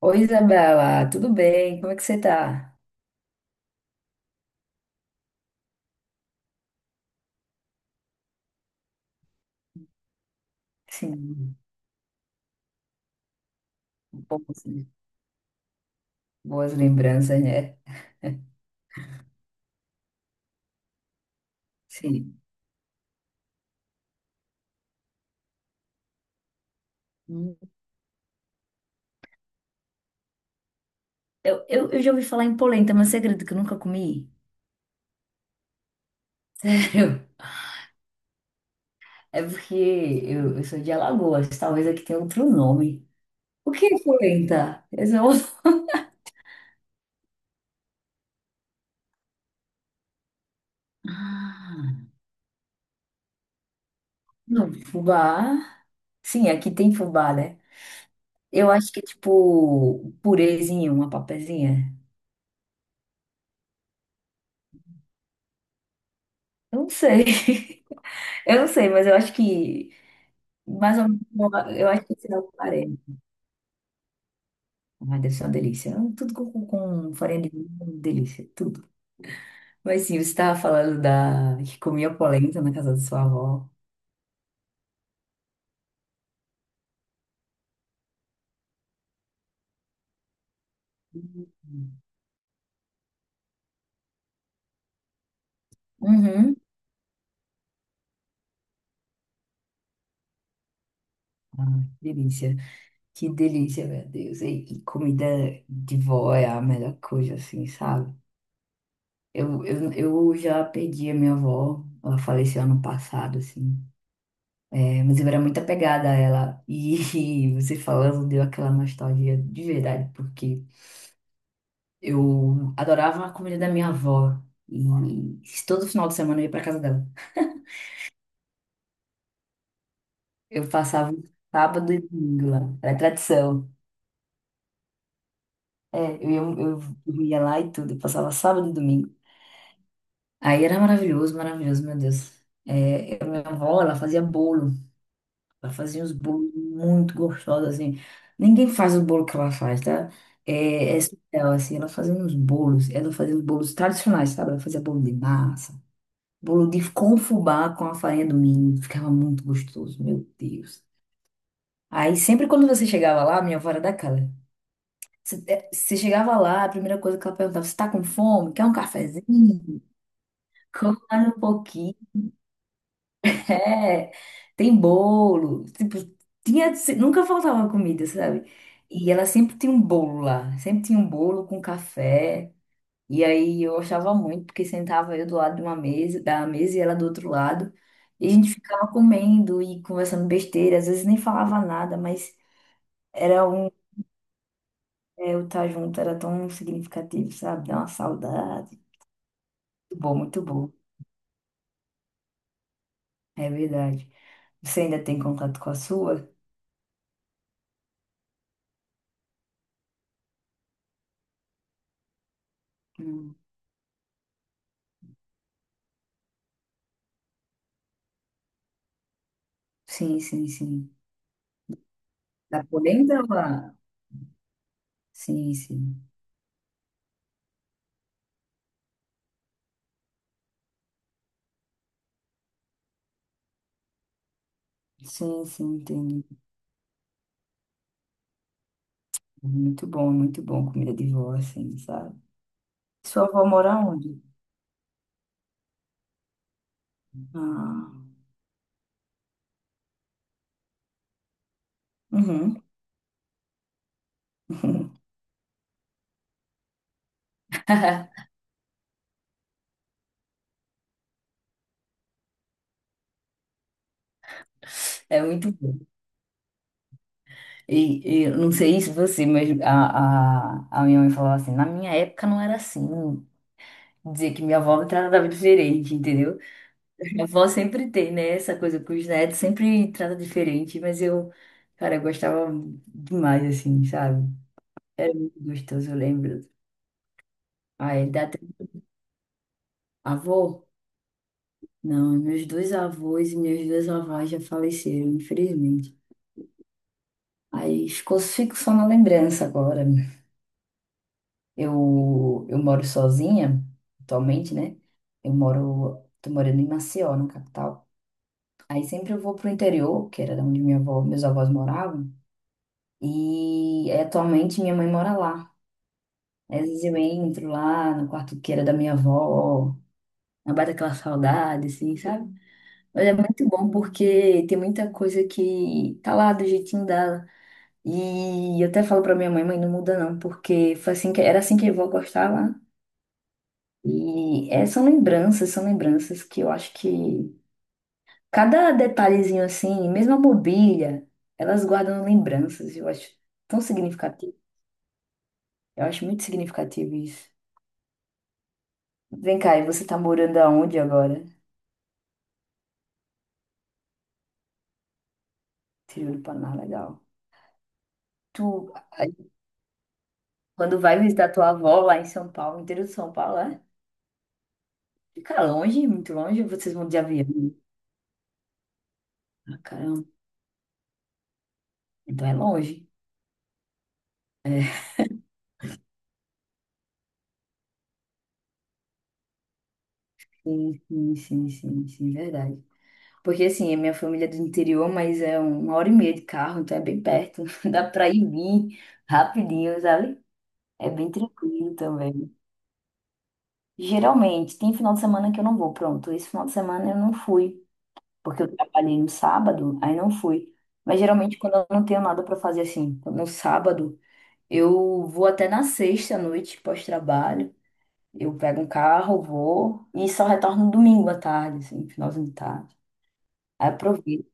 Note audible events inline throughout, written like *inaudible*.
Oi, Isabela, tudo bem? Como é que você tá? Sim, um pouco assim, boas lembranças, né? *laughs* Sim. Hum. Eu já ouvi falar em polenta, mas você acredita que eu nunca comi? *laughs* Sério? É porque eu sou de Alagoas, talvez aqui tenha outro nome. O que é polenta? Eu sou- *laughs* Ah, não, fubá. Sim, aqui tem fubá, né? Eu acho que é tipo purezinho, uma papazinha. Eu não sei. *laughs* Eu não sei, mas eu acho que mais ou menos, eu acho que esse é o farelo. Mas deve ser uma delícia. Tudo com, com farinha de milho, é uma delícia, tudo. Mas sim, você estava falando da que comia polenta na casa da sua avó. Uhum. Uhum. Ah, que delícia. Que delícia, meu Deus. E comida de vó é a melhor coisa, assim, sabe? Eu já perdi a minha avó. Ela faleceu ano passado, assim. É, mas eu era muito apegada a ela. E, *laughs* você falando deu aquela nostalgia de verdade, porque eu adorava a comida da minha avó. E todo final de semana eu ia pra casa dela. Eu passava sábado e domingo lá. Era tradição. É, eu ia, eu dormia lá e tudo. Eu passava sábado e domingo. Aí era maravilhoso, maravilhoso, meu Deus. É, a minha avó, ela fazia bolo. Ela fazia uns bolos muito gostosos, assim. Ninguém faz o bolo que ela faz, tá? É, é surreal, assim. Ela fazia uns bolos. Ela fazia uns bolos tradicionais, sabe? Ela fazia bolo de massa. Bolo de com fubá com a farinha do milho. Ficava muito gostoso, meu Deus. Aí sempre quando você chegava lá, minha avó era daquela. Você chegava lá, a primeira coisa que ela perguntava, você tá com fome? Quer um cafezinho? Come mais um pouquinho. *laughs* É, tem bolo. Tipo, tinha, nunca faltava comida, sabe? E ela sempre tinha um bolo lá. Sempre tinha um bolo com café. E aí eu achava muito, porque sentava eu do lado de uma mesa, da mesa e ela do outro lado. E a gente ficava comendo e conversando besteira, às vezes nem falava nada, mas era um, é, o estar junto era tão significativo, sabe? Dá uma saudade. Muito bom, muito bom. É verdade. Você ainda tem contato com a sua? Hum. Sim, sim, sim. Da polenta ou a... Sim, sim. Sim, sim, entendi. Muito bom comida de vó, assim, sabe? Sua avó mora onde? Ah. Uhum. *laughs* É muito bom. E eu não sei se você, mas a minha mãe falava assim, na minha época não era assim. Dizer que minha avó me tratava diferente, entendeu? Minha avó sempre tem, né? Essa coisa com os netos, sempre trata diferente, mas eu, cara, eu gostava demais, assim, sabe? Era muito gostoso, eu lembro. Aí dá até... Avô? Não, meus dois avós e minhas duas avós já faleceram, infelizmente. Aí ficou, fico só na lembrança agora. Eu moro sozinha atualmente, né? Eu moro, tô morando em Maceió, na capital. Aí sempre eu vou pro interior, que era de onde minha avó, meus avós moravam, e atualmente minha mãe mora lá. Aí, às vezes eu entro lá no quarto que era da minha avó, aí bate aquela saudade, assim, sabe? Mas é muito bom porque tem muita coisa que tá lá do jeitinho dela. E eu até falo pra minha mãe, mãe, não muda não, porque foi assim que, era assim que eu vou gostava. E é, são lembranças que eu acho que cada detalhezinho assim, mesmo a mobília, elas guardam lembranças, eu acho tão significativo. Eu acho muito significativo isso. Vem cá, e você tá morando aonde agora? Interior do Paraná, legal. Tu, aí, quando vai visitar tua avó lá em São Paulo, interior de São Paulo, é? Fica longe, muito longe, ou vocês vão de avião? Ah, caramba, então é longe. É, sim, sim, sim, sim, sim, verdade. Porque assim, a minha família é do interior, mas é uma hora e meia de carro, então é bem perto. *laughs* Dá pra ir e vir rapidinho, sabe? É bem tranquilo também. Geralmente, tem final de semana que eu não vou, pronto. Esse final de semana eu não fui, porque eu trabalhei no sábado, aí não fui. Mas geralmente quando eu não tenho nada pra fazer assim, no sábado, eu vou até na sexta à noite pós-trabalho. Eu pego um carro, vou e só retorno no domingo à tarde, assim, finalzinho de tarde. Aí aproveito.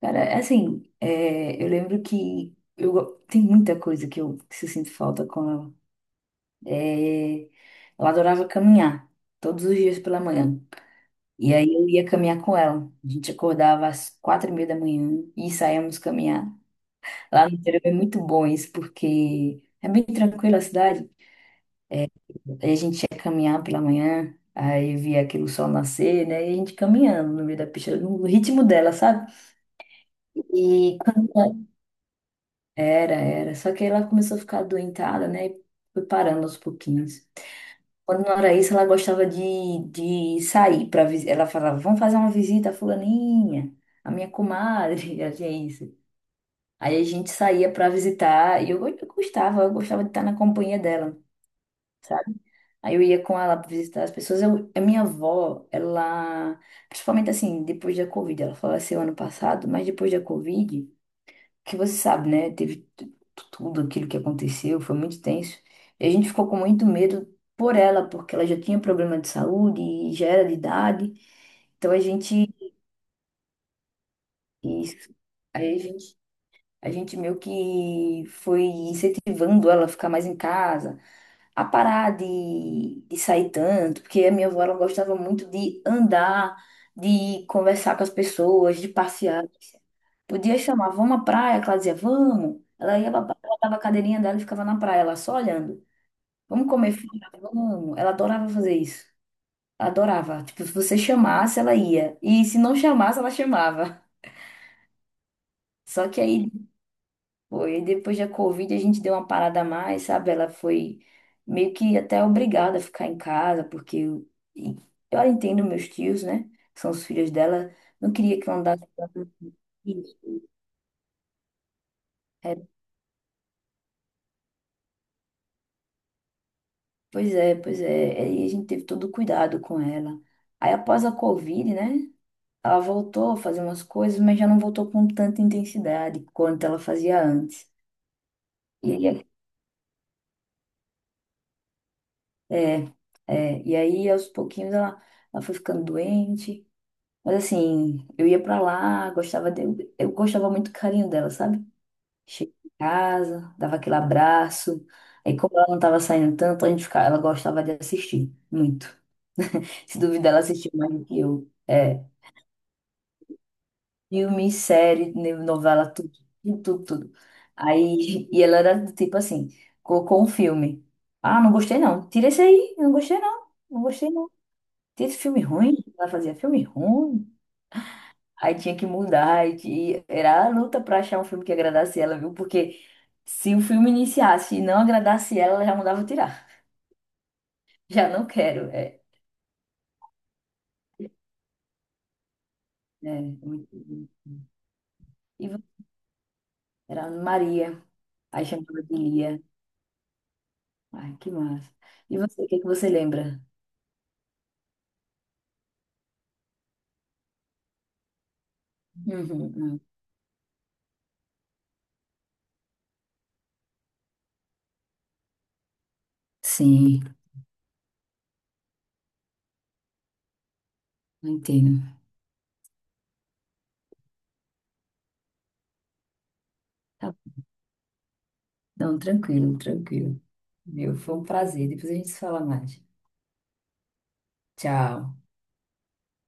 Cara, é assim, é, eu lembro que eu, tem muita coisa que eu sinto falta com ela. É, eu adorava caminhar, todos os dias pela manhã. E aí eu ia caminhar com ela. A gente acordava às quatro e meia da manhã e saíamos caminhar. Lá no interior é muito bom isso, porque é bem tranquila a cidade. Aí a gente ia caminhar pela manhã, aí via aquele sol nascer, né? E a gente caminhando no meio da pista, no ritmo dela, sabe? E quando Era. Só que ela começou a ficar adoentada, né? E foi parando aos pouquinhos. Quando não era isso, ela gostava de sair para visita. Ela falava, vamos fazer uma visita à fulaninha, a minha comadre, *laughs* assim, é isso. Aí a gente saía para visitar e eu gostava de estar na companhia dela, sabe? Aí eu ia com ela para visitar as pessoas. Eu, a minha avó, ela, principalmente assim, depois da Covid, ela faleceu ano passado, mas depois da Covid que você sabe, né? Teve tudo aquilo que aconteceu, foi muito tenso. E a gente ficou com muito medo por ela, porque ela já tinha problema de saúde e já era de idade. Então a gente, isso, aí a gente meio que foi incentivando ela a ficar mais em casa, a parar de sair tanto, porque a minha avó ela gostava muito de andar, de conversar com as pessoas, de passear. Podia chamar, vamos à praia, que ela dizia, vamos. Ela ia pra praia, ela dava a cadeirinha dela e ficava na praia, ela só olhando. Vamos comer fora? Vamos. Ela adorava fazer isso. Ela adorava. Tipo, se você chamasse, ela ia. E se não chamasse, ela chamava. *laughs* Só que aí, foi, depois da Covid, a gente deu uma parada a mais, sabe? Ela foi meio que até obrigada a ficar em casa, porque eu entendo meus tios, né? São os filhos dela. Não queria que eu andasse com isso. Pois é, pois é. Aí a gente teve todo o cuidado com ela. Aí após a Covid, né? Ela voltou a fazer umas coisas, mas já não voltou com tanta intensidade quanto ela fazia antes. E aí, é, e aí aos pouquinhos ela, ela foi ficando doente. Mas assim, eu ia pra lá, gostava de, eu gostava muito do carinho dela, sabe? Chegava em casa, dava aquele abraço. Aí como ela não tava saindo tanto, a gente ficava, ela gostava de assistir muito. Se duvidar, ela assistia mais do que eu. É. Filme, série, novela, tudo, tudo, tudo. Aí, *laughs* e ela era do tipo assim, colocou um filme. Ah, não gostei não. Tira esse aí, não gostei não. Não gostei não. Tira esse filme ruim. Ela fazia filme ruim. Aí tinha que mudar. E era a luta pra achar um filme que agradasse ela, viu? Porque se o filme iniciasse e não agradasse ela, ela já mandava tirar. *laughs* Já não quero. É, é, muito ruim. E você? Era Maria. Aí chamava de Lia. Ai, que massa. E você, o que que você lembra? Uhum, uhum. Sim, entendo. Tá- Não, tranquilo, tranquilo. Meu, foi um prazer. Depois a gente se fala mais. Tchau.